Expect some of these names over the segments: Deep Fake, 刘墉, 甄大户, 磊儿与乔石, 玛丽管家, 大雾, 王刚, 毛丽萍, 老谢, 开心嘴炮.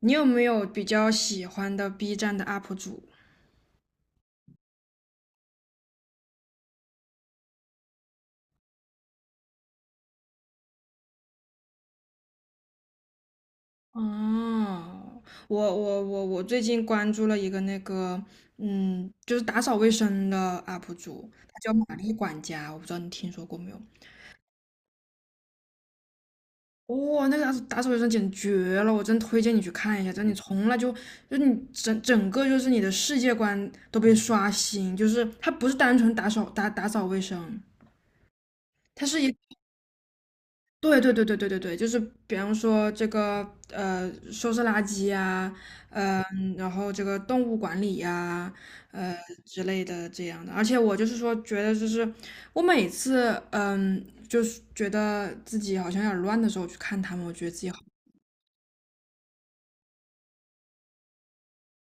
你有没有比较喜欢的 B 站的 UP 主？哦，我最近关注了一个那个，就是打扫卫生的 UP 主，他叫玛丽管家，我不知道你听说过没有？哦，那个打扫打扫卫生简直绝了，我真推荐你去看一下，真的你从来就你整个就是你的世界观都被刷新，就是他不是单纯打扫打扫卫生，他是一对对对对对对对，就是比方说这个收拾垃圾呀、嗯、然后这个动物管理呀、呃之类的这样的。而且我就是说，觉得就是我每次就是觉得自己好像有点乱的时候去看他们，我觉得自己好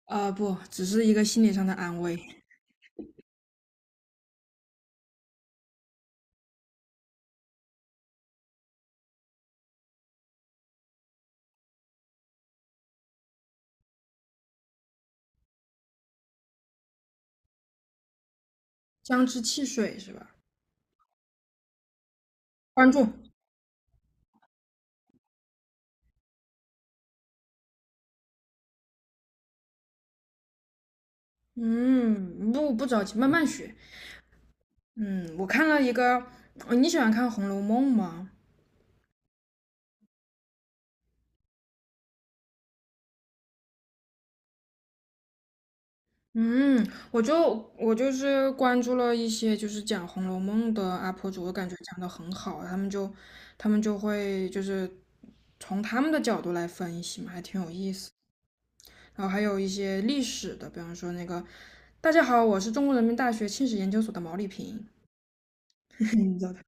啊、不，只是一个心理上的安慰。姜汁汽水是吧？关注，嗯，不着急，慢慢学。嗯，我看了一个，你喜欢看《红楼梦》吗？嗯，我就我就是关注了一些就是讲《红楼梦》的 UP 主，我感觉讲的很好，他们就会就是从他们的角度来分析嘛，还挺有意思。然后还有一些历史的，比方说那个"大家好，我是中国人民大学清史研究所的毛丽萍"，你知道他，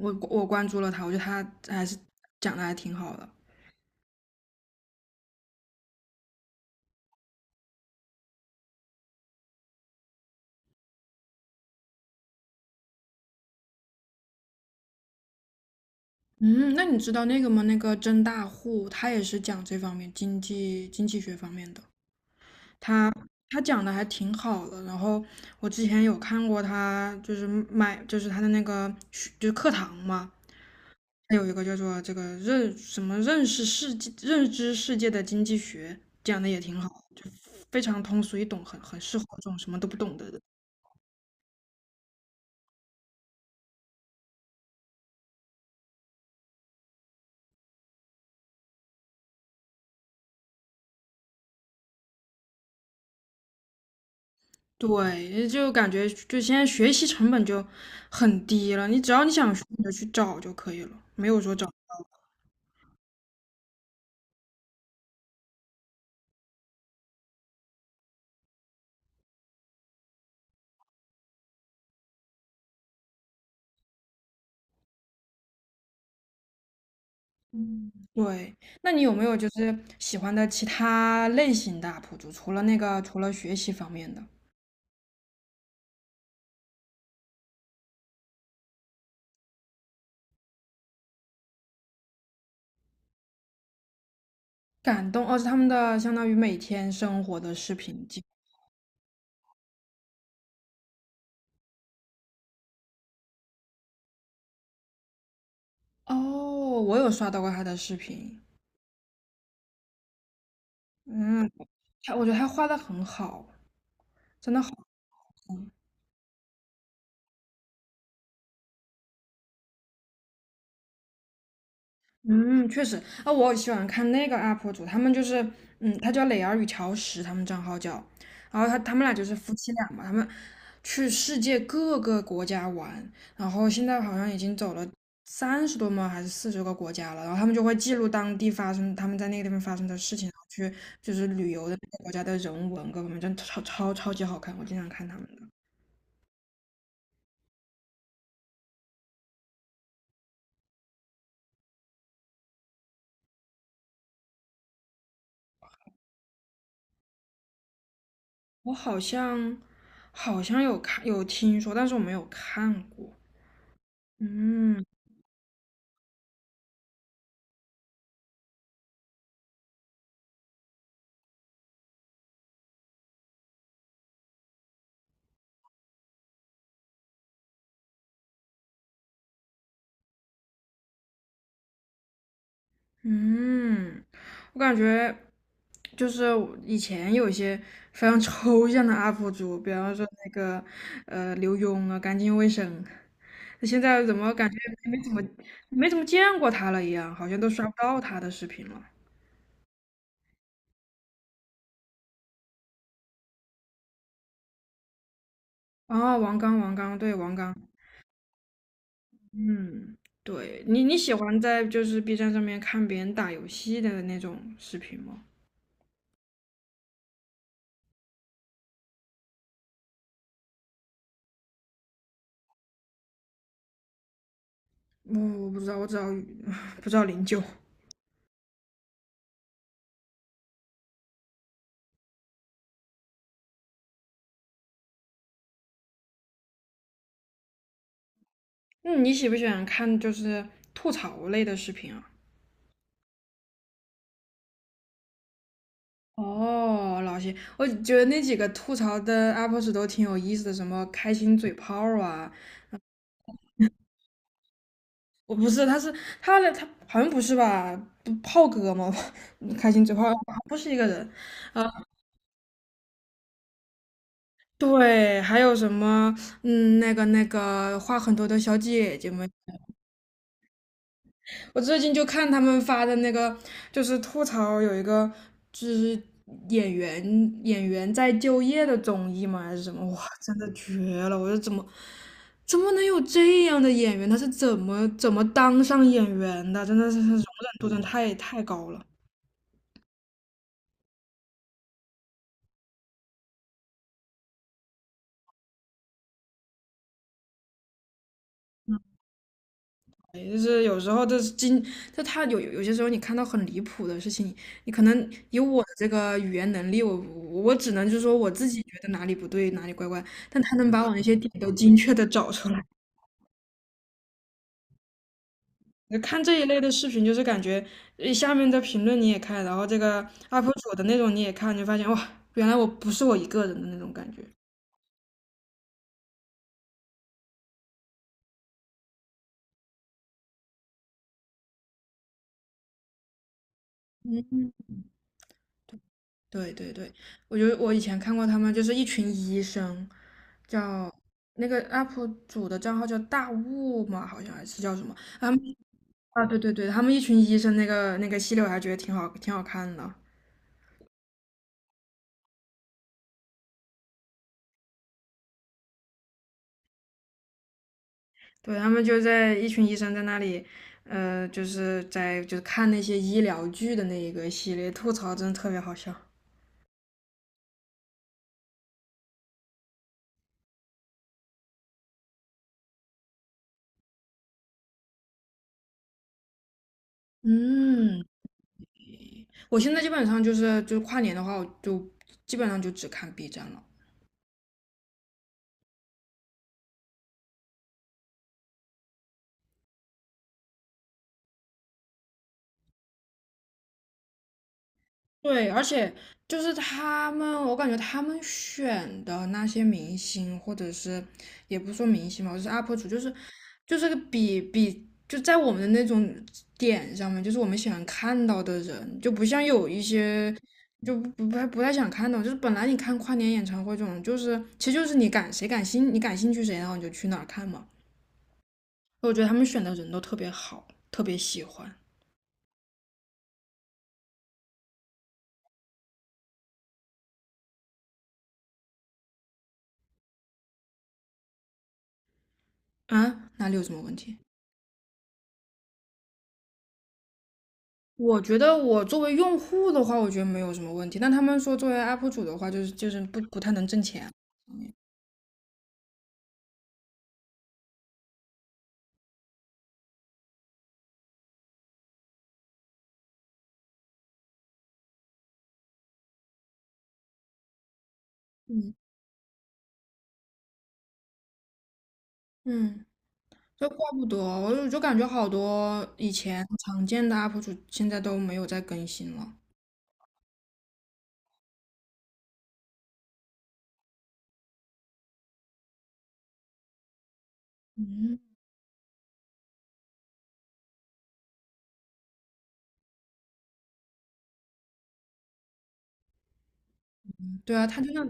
我关注了他，我觉得他还是讲的还挺好的。嗯，那你知道那个吗？那个甄大户，他也是讲这方面经济学方面的。他他讲的还挺好的，然后我之前有看过他，就是他的那个学就是课堂嘛，他有一个叫做这个认什么认识世界认知世界的经济学，讲的也挺好，就非常通俗易懂，很适合这种什么都不懂的人。对，就感觉就现在学习成本就很低了，你只要你想学，你就去找就可以了，没有说找。对，那你有没有就是喜欢的其他类型的 UP 主？除了那个，除了学习方面的感动，哦，是他们的相当于每天生活的视频记。哦，我有刷到过他的视频，嗯，我觉得他画的很好，真的好。嗯，确实啊，我喜欢看那个 UP 主，他们就是，他叫磊儿与乔石，他们账号叫，然后他们俩就是夫妻俩嘛，他们去世界各个国家玩，然后现在好像已经走了30多吗，还是40个国家了，然后他们就会记录当地发生他们在那个地方发生的事情，然后去就是旅游的那个国家的人文各方面，真的超级好看，我经常看他们的，我好像有听说，但是我没有看过，嗯。嗯，我感觉就是我以前有一些非常抽象的 UP 主，比方说那个刘墉啊，干净卫生，那现在怎么感觉没怎么没怎么见过他了一样，好像都刷不到他的视频了。哦，王刚，王刚，对，王刚，嗯，对你喜欢在就是 B 站上面看别人打游戏的那种视频吗？我不知道，我只要 不知道零九。嗯，你喜不喜欢看就是吐槽类的视频啊？哦，老谢，我觉得那几个吐槽的 UP 主都挺有意思的，什么开心嘴炮啊，我不是，他好像不是吧？不炮哥吗？开心嘴炮不是一个人，呃对，还有什么那个话很多的小姐姐们。我最近就看他们发的那个，就是吐槽有一个就是演员在就业的综艺嘛，还是什么？哇，真的绝了！我说怎么能有这样的演员？他是怎么当上演员的？真的是容忍度真的太高了。就是有时候这是经，就他有些时候你看到很离谱的事情，你可能以我的这个语言能力，我只能就是说我自己觉得哪里不对，哪里怪怪，但他能把我那些点都精确的找出来。看这一类的视频，就是感觉下面的评论你也看，然后这个 UP 主的那种你也看，你就发现哇，原来我不是我一个人的那种感觉。嗯。对对对，我觉得我以前看过他们，就是一群医生，叫那个 UP 主的账号叫大雾嘛，好像还是叫什么？他们啊，对对对，他们一群医生那个系列我还觉得挺好，挺好看的。对，他们就在一群医生在那里，就是看那些医疗剧的那一个系列，吐槽真的特别好笑。嗯，我现在基本上就是跨年的话，我就基本上就只看 B 站了。对，而且就是他们，我感觉他们选的那些明星，或者是也不说明星嘛，就是 UP 主，就是个比就在我们的那种点上面，就是我们喜欢看到的人，就不像有一些就不太想看到，就是本来你看跨年演唱会这种，就是其实就是你你感兴趣谁，然后你就去哪儿看嘛。我觉得他们选的人都特别好，特别喜欢啊，哪里有什么问题？我觉得我作为用户的话，我觉得没有什么问题。但他们说作为 UP 主的话，就是不不太能挣钱啊。嗯嗯，这怪不得，我就感觉好多以前常见的 UP 主现在都没有再更新了。嗯，对啊，他就那，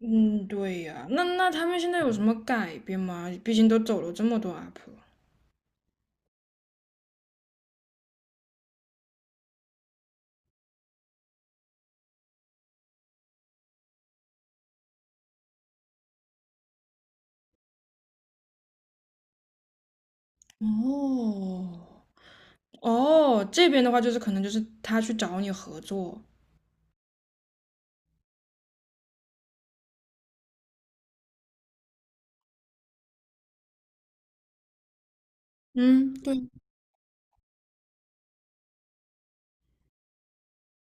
嗯，对呀、那他们现在有什么改变吗？毕竟都走了这么多 UP 了。哦，哦，这边的话就是可能就是他去找你合作。嗯，对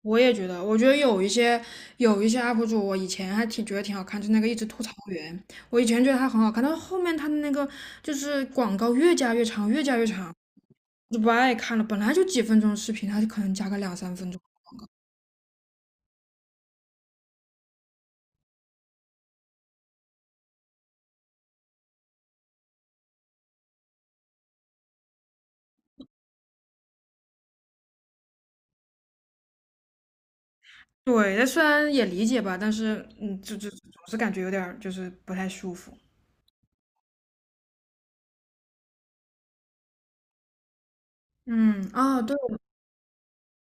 我也觉得，我觉得有一些 UP 主，我以前还挺觉得挺好看，就那个一直吐槽员，我以前觉得他很好看，但是后面他的那个就是广告越加越长，越加越长，我就不爱看了。本来就几分钟视频，他就可能加个两三分钟。对，但虽然也理解吧，但是就总是感觉有点儿就是不太舒服。嗯，啊，对，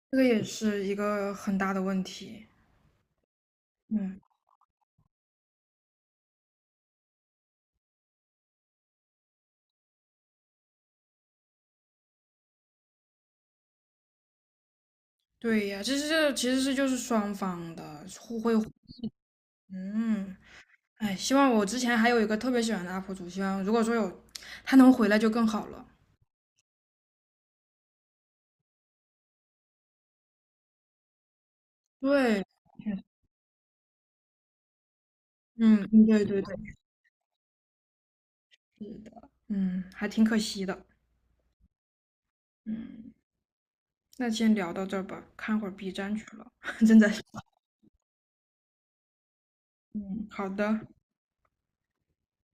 这个也是一个很大的问题。嗯，对呀，其实这其实是就是双方的互惠互嗯。哎，希望我之前还有一个特别喜欢的 UP 主，希望如果说有他能回来就更好了。对，嗯，嗯对对对，是的，嗯，还挺可惜的。嗯，那先聊到这儿吧，看会儿 B 站去了，真的是嗯，好的。